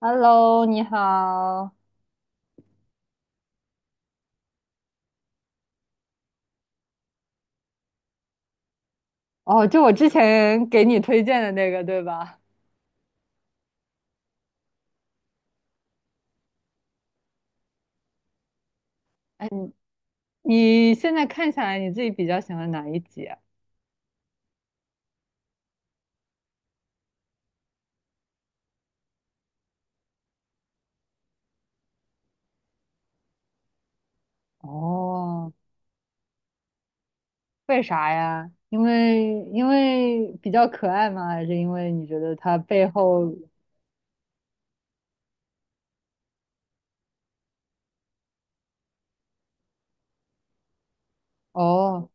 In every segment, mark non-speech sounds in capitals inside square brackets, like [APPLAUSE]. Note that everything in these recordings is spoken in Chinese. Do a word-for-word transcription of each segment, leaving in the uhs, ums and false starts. Hello，你好。哦，就我之前给你推荐的那个，对吧？哎，你你现在看下来，你自己比较喜欢哪一集啊？哦，为啥呀？因为因为比较可爱吗？还是因为你觉得它背后……哦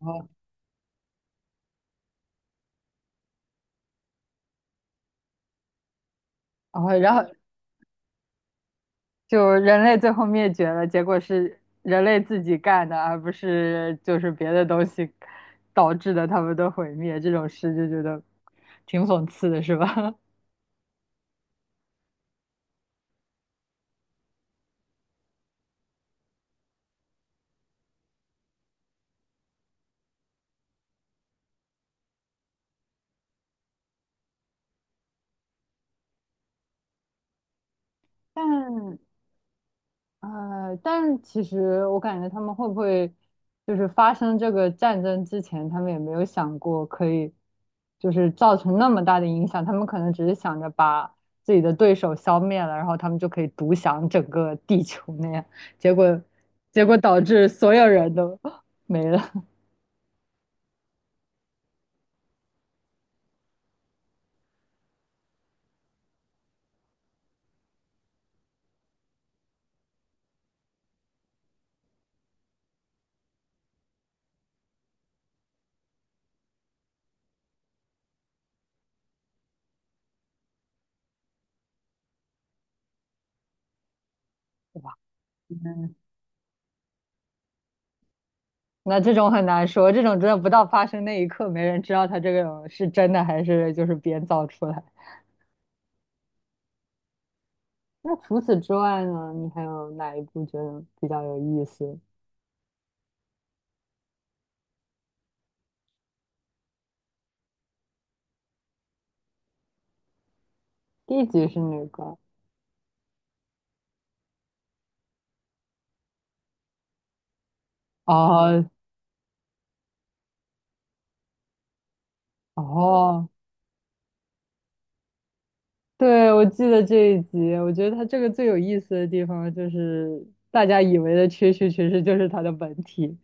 哦哦，然后就人类最后灭绝了，结果是人类自己干的，而不是就是别的东西导致的他们的毁灭，这种事就觉得挺讽刺的，是吧？[LAUGHS] 但呃，但其实我感觉他们会不会就是发生这个战争之前，他们也没有想过可以就是造成那么大的影响，他们可能只是想着把自己的对手消灭了，然后他们就可以独享整个地球那样，结果结果导致所有人都 [LAUGHS] 没了。哇，嗯，那这种很难说，这种真的不到发生那一刻，没人知道他这个是真的还是就是编造出来。那除此之外呢？你还有哪一部觉得比较有意思？第一集是哪个？哦哦，对，我记得这一集，我觉得它这个最有意思的地方就是大家以为的蛐蛐，其实就是它的本体。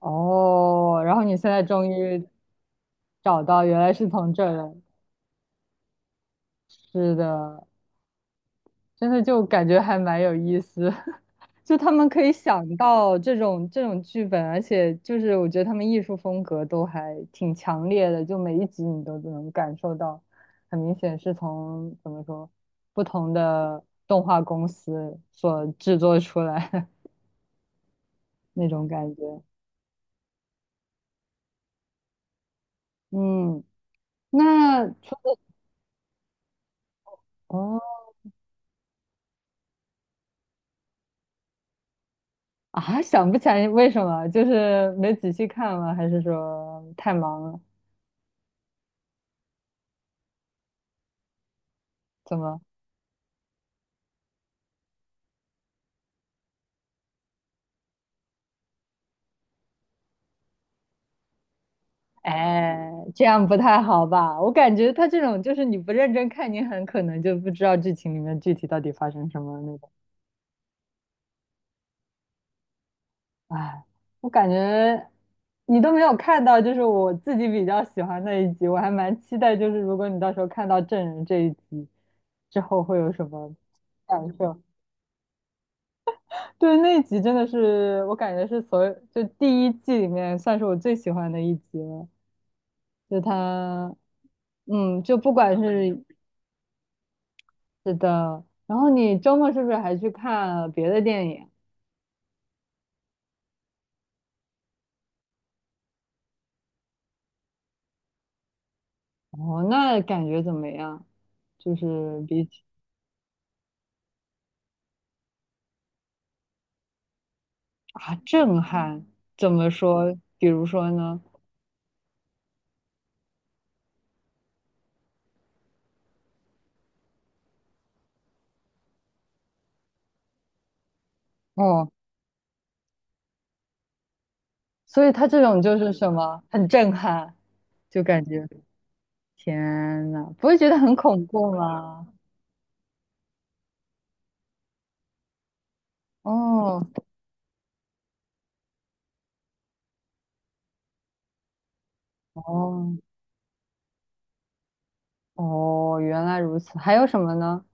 哦，然后你现在终于找到，原来是从这儿来。是的，真的就感觉还蛮有意思，[LAUGHS] 就他们可以想到这种这种剧本，而且就是我觉得他们艺术风格都还挺强烈的，就每一集你都能感受到，很明显是从怎么说不同的动画公司所制作出来的 [LAUGHS] 那种感觉。嗯，那除了哦啊，想不起来为什么，就是没仔细看吗？还是说太忙了？怎么？哎，这样不太好吧？我感觉他这种就是你不认真看，你很可能就不知道剧情里面具体到底发生什么那种。哎，我感觉你都没有看到，就是我自己比较喜欢那一集，我还蛮期待，就是如果你到时候看到证人这一集之后会有什么感受。对，那一集真的是我感觉是所有就第一季里面算是我最喜欢的一集了，就他。嗯，就不管是是的，然后你周末是不是还去看了别的电影？哦，那感觉怎么样？就是比起啊，震撼，怎么说？比如说呢？哦，所以它这种就是什么，很震撼，就感觉天呐，不会觉得很恐怖吗？哦哦哦，原来如此。还有什么呢？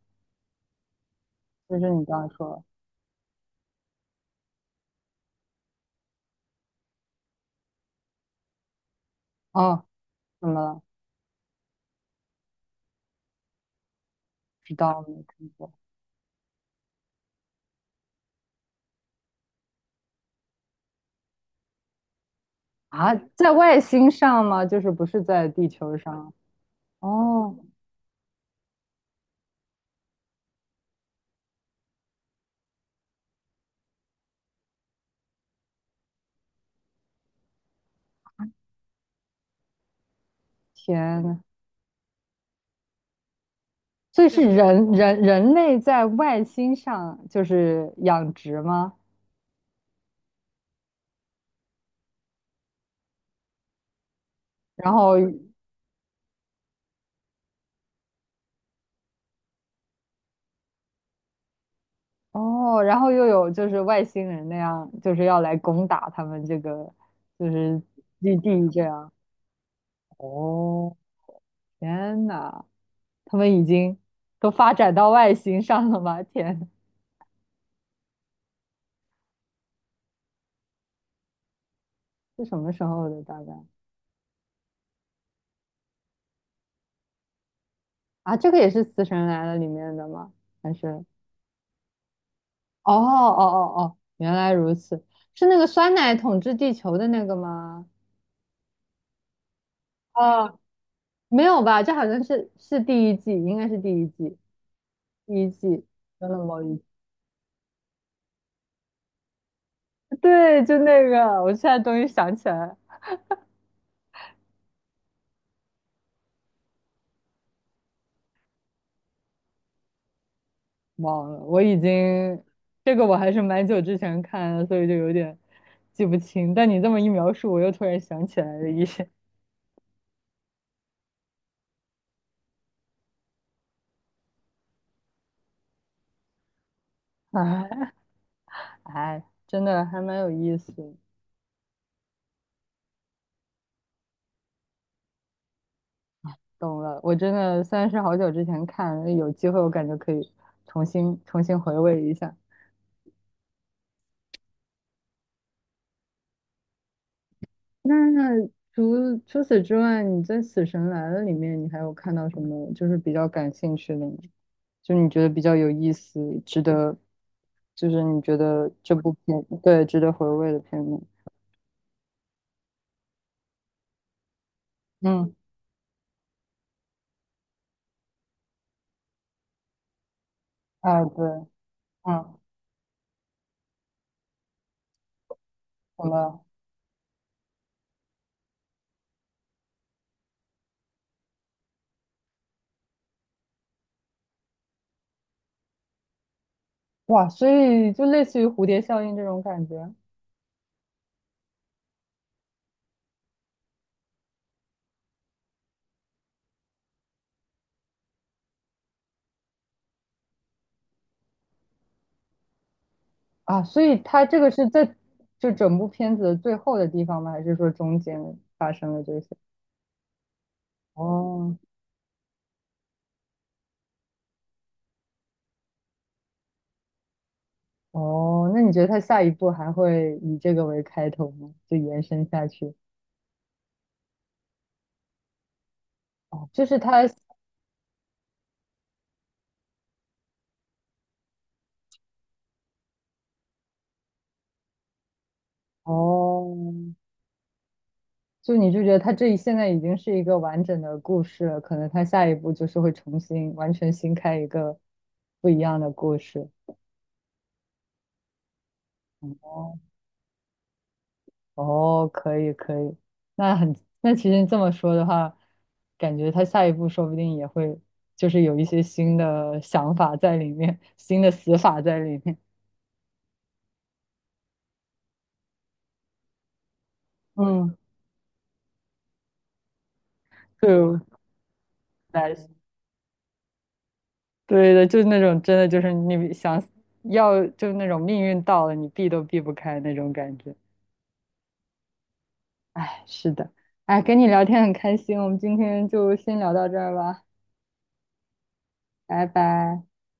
就是你刚才说，哦，怎么了？知道没看过。啊？在外星上吗？就是不是在地球上？哦，天呐，所以对是人人人类在外星上就是养殖吗？然后哦，然后又有就是外星人那样，就是要来攻打他们这个就是基地这样。哦，天呐，他们已经都发展到外星上了吗？天，是什么时候的大概？啊，这个也是《死神来了》里面的吗？还是？哦哦哦哦，原来如此，是那个酸奶统治地球的那个吗？哦，没有吧？这好像是是第一季，应该是第一季，第一季真的某一 [LAUGHS] 季对，就那个，我现在终于想起来，忘了，我已经这个我还是蛮久之前看的，所以就有点记不清。但你这么一描述，我又突然想起来了一些，[LAUGHS] 哎哎，真的还蛮有意思的。懂了，我真的虽然是好久之前看，有机会我感觉可以重新重新回味一下。那除除此之外，你在《死神来了》里面，你还有看到什么就是比较感兴趣的吗？就你觉得比较有意思，值得，就是你觉得这部片，对，值得回味的片目。嗯，啊，对，嗯，懂了。哇，所以就类似于蝴蝶效应这种感觉。啊，所以他这个是在就整部片子的最后的地方吗？还是说中间发生了这些？哦哦，那你觉得他下一步还会以这个为开头吗？就延伸下去？哦，就是他哦，就你就觉得他这一现在已经是一个完整的故事了，可能他下一步就是会重新完全新开一个不一样的故事。哦哦，可以可以，那很，那其实你这么说的话，感觉他下一步说不定也会，就是有一些新的想法在里面，新的死法在里面。嗯，对我来说对的，就是那种真的就是你想要，就是那种命运到了，你避都避不开那种感觉。哎，是的，哎，跟你聊天很开心，我们今天就先聊到这儿吧，拜拜。